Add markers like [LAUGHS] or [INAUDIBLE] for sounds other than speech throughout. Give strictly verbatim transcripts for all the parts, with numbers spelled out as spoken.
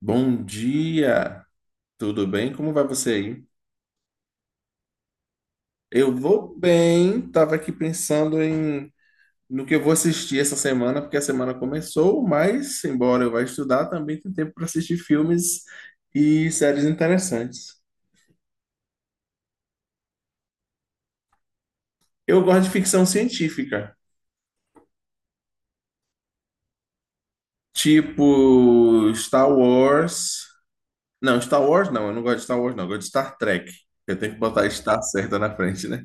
Bom dia, tudo bem? Como vai você aí? Eu vou bem, tava aqui pensando em no que eu vou assistir essa semana, porque a semana começou, mas embora eu vá estudar, também tem tempo para assistir filmes e séries interessantes. Eu gosto de ficção científica, tipo Star Wars. Não, Star Wars não, eu não gosto de Star Wars não, eu gosto de Star Trek. Eu tenho que botar Star certa na frente, né?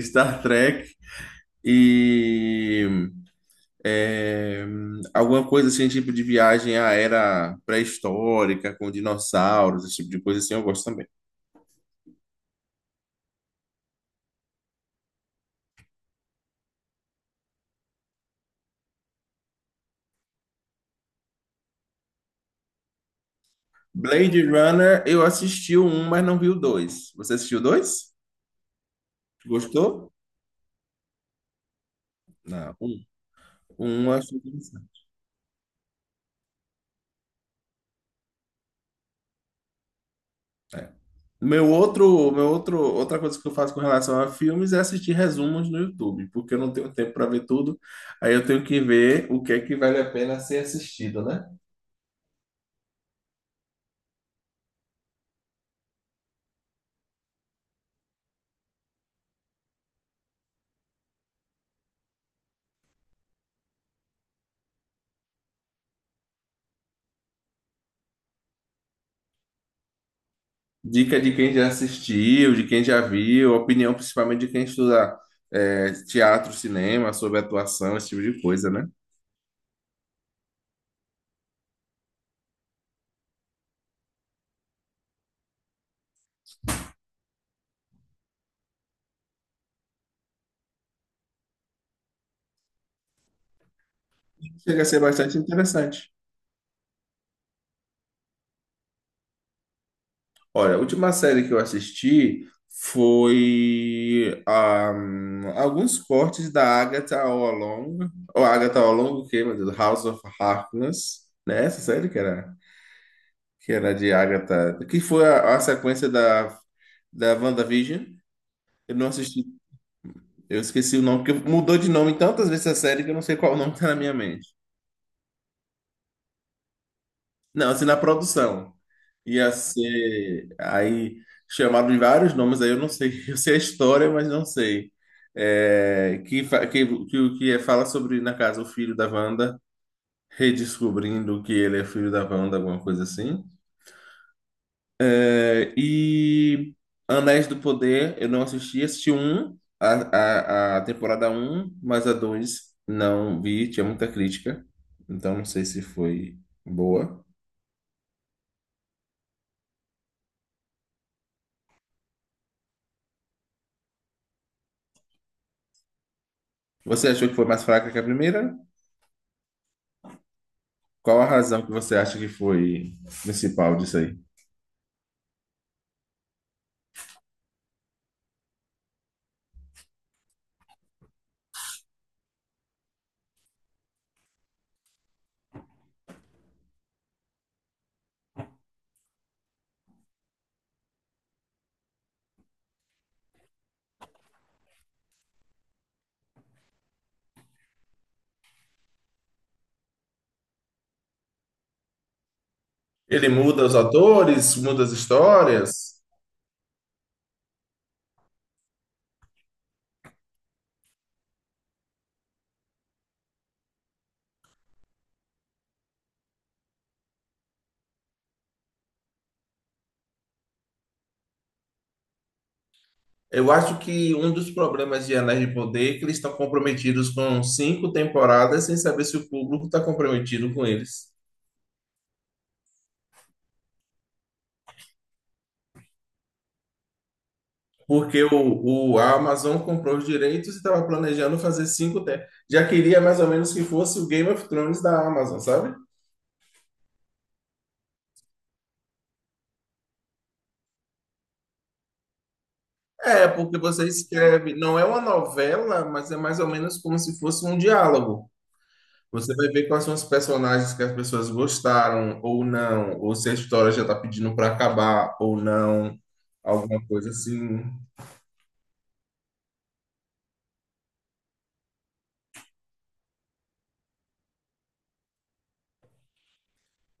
Star Trek e É, alguma coisa assim, tipo de viagem à era pré-histórica, com dinossauros, esse tipo de coisa assim, eu gosto também. Blade Runner, eu assisti o um, mas não vi o dois. Você assistiu o dois? Gostou? Não, um. Um eu acho interessante. É. Meu outro, meu outro, outra coisa que eu faço com relação a filmes é assistir resumos no YouTube, porque eu não tenho tempo para ver tudo. Aí eu tenho que ver o que é que vale a pena ser assistido, né? Dica de quem já assistiu, de quem já viu, opinião principalmente de quem estuda é, teatro, cinema, sobre atuação, esse tipo de coisa, né? Chega a ser bastante interessante. Olha, a última série que eu assisti foi ahm, alguns cortes da Agatha All Along, ou Agatha All Along, o quê, meu Deus? House of Harkness, né? Essa série que era, que era de Agatha, que foi a, a sequência da, da WandaVision. Eu não assisti Eu esqueci o nome, porque mudou de nome tantas vezes a série que eu não sei qual o nome que tá na minha mente. Não, assim, na produção. Ia ser. Aí chamaram de vários nomes, aí eu não sei. [LAUGHS] Eu sei a história, mas não sei. É, que, fa- que, que, que é, fala sobre, na casa, o filho da Wanda redescobrindo que ele é filho da Wanda, alguma coisa assim. É, E Anéis do Poder, eu não assisti, assisti um, a, a, a temporada um, mas a dois não vi, tinha muita crítica, então não sei se foi boa. Você achou que foi mais fraca que a primeira? Qual a razão que você acha que foi principal disso aí? Ele muda os atores, muda as histórias. Eu acho que um dos problemas de Anéis de Poder é que eles estão comprometidos com cinco temporadas sem saber se o público está comprometido com eles. Porque o, o, a Amazon comprou os direitos e estava planejando fazer cinco te- já queria mais ou menos que fosse o Game of Thrones da Amazon, sabe? É, porque você escreve, não é uma novela, mas é mais ou menos como se fosse um diálogo. Você vai ver quais são os personagens que as pessoas gostaram ou não, ou se a história já está pedindo para acabar ou não, alguma coisa assim.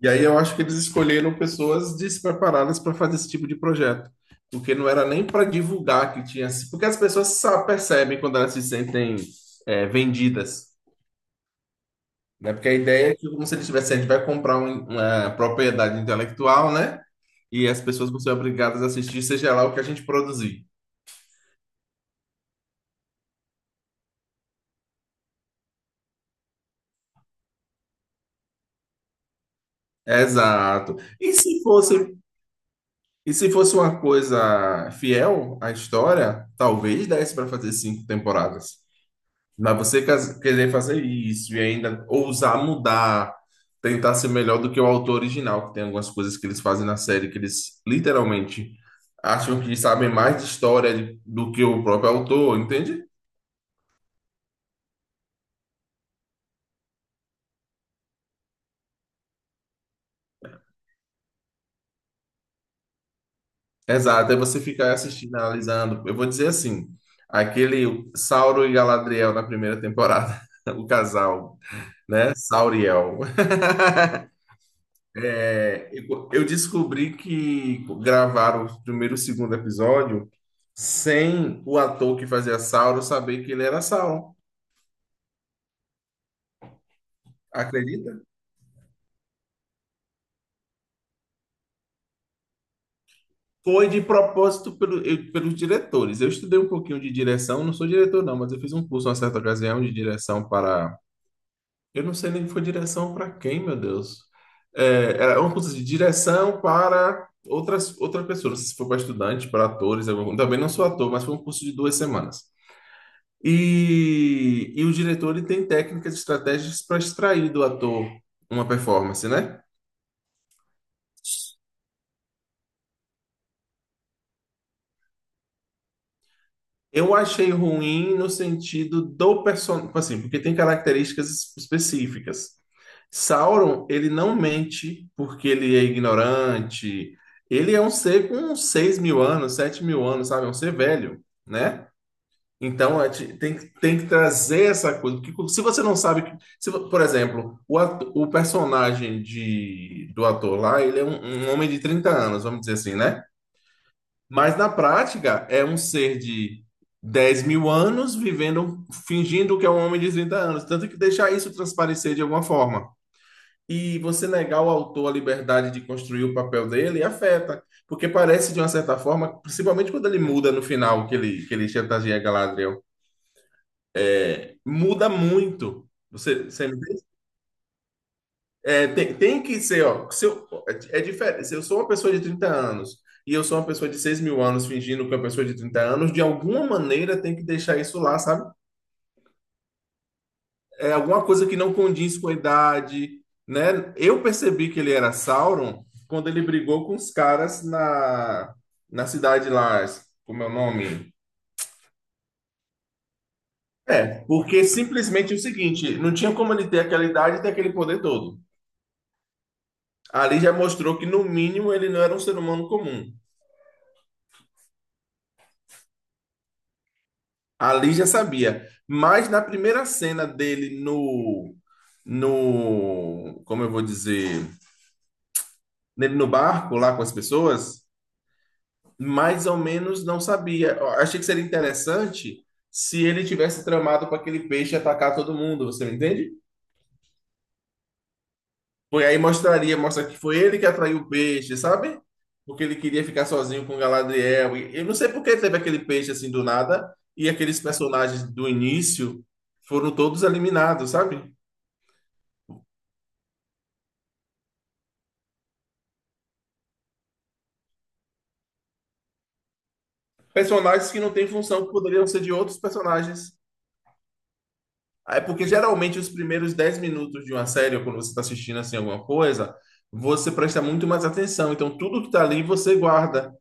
E aí eu acho que eles escolheram pessoas despreparadas para fazer esse tipo de projeto, porque não era nem para divulgar que tinha, porque as pessoas sa- percebem quando elas se sentem é, vendidas, né? Porque a ideia é que como se eles tivessem, a gente vai comprar um- uma propriedade intelectual, né? E as pessoas vão ser obrigadas a assistir, seja lá o que a gente produzir. Exato. E se fosse, e se fosse uma coisa fiel à história, talvez desse para fazer cinco temporadas. Mas você cas- querer fazer isso e ainda ousar mudar, tentar ser melhor do que o autor original, que tem algumas coisas que eles fazem na série que eles literalmente acham que sabem mais de história de- do que o próprio autor, entende? Exato, aí você fica assistindo, analisando. Eu vou dizer assim, aquele Sauron e Galadriel na primeira temporada, [LAUGHS] o casal, né? Sauriel. É, Eu eu descobri que gravaram o primeiro e o segundo episódio sem o ator que fazia Sauron saber que ele era Sauron. Acredita? Foi de propósito pelo- eu- pelos diretores. Eu estudei um pouquinho de direção, não sou diretor não, mas eu fiz um curso uma certa ocasião de direção para. Eu não sei nem que foi direção para quem, meu Deus. É, era um curso de direção para outras outra pessoa. Não sei se foi para estudantes, para atores. algum- Também não sou ator, mas foi um curso de duas semanas. E, e o diretor ele tem técnicas e estratégias para extrair do ator uma performance, né? Eu achei ruim no sentido do personagem, assim, porque tem características es- específicas. Sauron, ele não mente porque ele é ignorante. Ele é um ser com seis mil anos, sete mil anos, sabe? É um ser velho, né? Então, é, te- tem, que- tem que trazer essa coisa. Porque se você não sabe. Que- Se, vo- Por exemplo, o, ato- o personagem de, do ator lá, ele é um, um homem de trinta anos, vamos dizer assim, né? Mas na prática, é um ser de dez mil anos vivendo, fingindo que é um homem de trinta anos. Tanto que deixar isso transparecer de alguma forma. E você negar ao autor a liberdade de construir o papel dele afeta. Porque parece, de uma certa forma, principalmente quando ele muda no final, que ele, que ele chantageia Galadriel. Muda muito. Você, você me entende? É, tem, tem que ser, ó. Se eu, é é diferente. Se eu sou uma pessoa de trinta anos e eu sou uma pessoa de seis mil anos fingindo que é uma pessoa de trinta anos, de alguma maneira tem que deixar isso lá, sabe? É alguma coisa que não condiz com a idade, né? Eu percebi que ele era Sauron quando ele brigou com os caras na, na cidade lá, como é o nome? É, porque simplesmente é o seguinte, não tinha como ele ter aquela idade e ter aquele poder todo. Ali já mostrou que, no mínimo, ele não era um ser humano comum. Ali já sabia. Mas na primeira cena dele no, no, como eu vou dizer, nele no barco lá com as pessoas, mais ou menos não sabia. Eu achei que seria interessante se ele tivesse tramado para aquele peixe atacar todo mundo, você me entende? Foi aí mostraria, mostra que foi ele que atraiu o peixe, sabe? Porque ele queria ficar sozinho com Galadriel. E eu não sei por que teve aquele peixe assim do nada e aqueles personagens do início foram todos eliminados, sabe? Personagens que não têm função, que poderiam ser de outros personagens. É porque geralmente os primeiros dez minutos de uma série, ou quando você está assistindo assim alguma coisa, você presta muito mais atenção. Então tudo que está ali você guarda.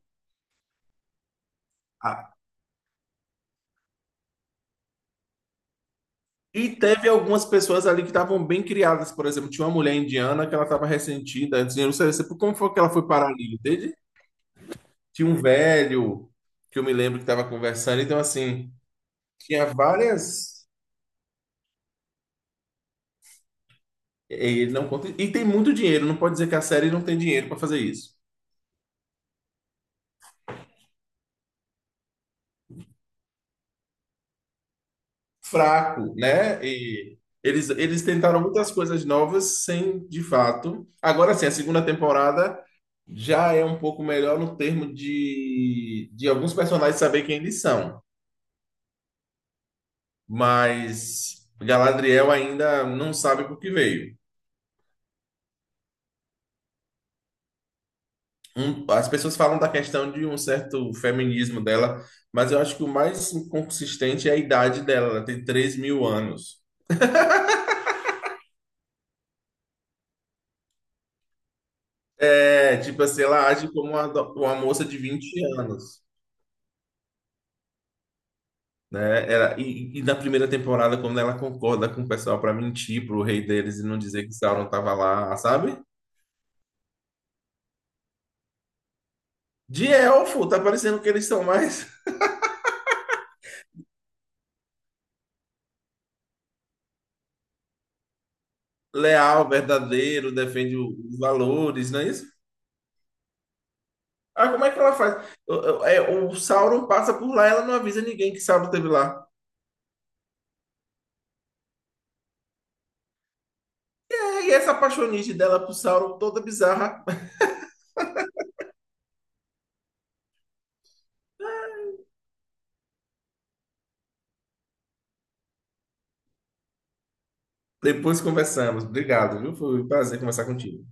E teve algumas pessoas ali que estavam bem criadas, por exemplo, tinha uma mulher indiana que ela estava ressentida, antes de não sei se- como foi que ela foi parar ali, entende? Tinha um velho que eu me lembro que estava conversando, então assim, tinha várias e ele não conta, e tem muito dinheiro, não pode dizer que a série não tem dinheiro para fazer isso. Fraco, né? E eles eles tentaram muitas coisas novas sem, de fato. Agora sim, a segunda temporada já é um pouco melhor no termo de de alguns personagens saber quem eles são. Mas Galadriel ainda não sabe por que veio. Um- as pessoas falam da questão de um certo feminismo dela, mas eu acho que o mais inconsistente é a idade dela, ela tem três mil anos. É, tipo assim, ela age como uma, do- uma moça de vinte anos, né? Ela, e, e na primeira temporada, quando ela concorda com o pessoal para mentir pro rei deles e não dizer que Sauron tava lá, sabe? De elfo, tá parecendo que eles são mais [LAUGHS] leal, verdadeiro, defende o- os valores, não é isso? Ah, como é que ela faz? O, o- é, o Sauron passa por lá, ela não avisa ninguém que Sauron esteve lá. É, e essa apaixonite dela pro Sauron toda bizarra. [LAUGHS] Depois conversamos. Obrigado, viu? Foi um prazer conversar contigo.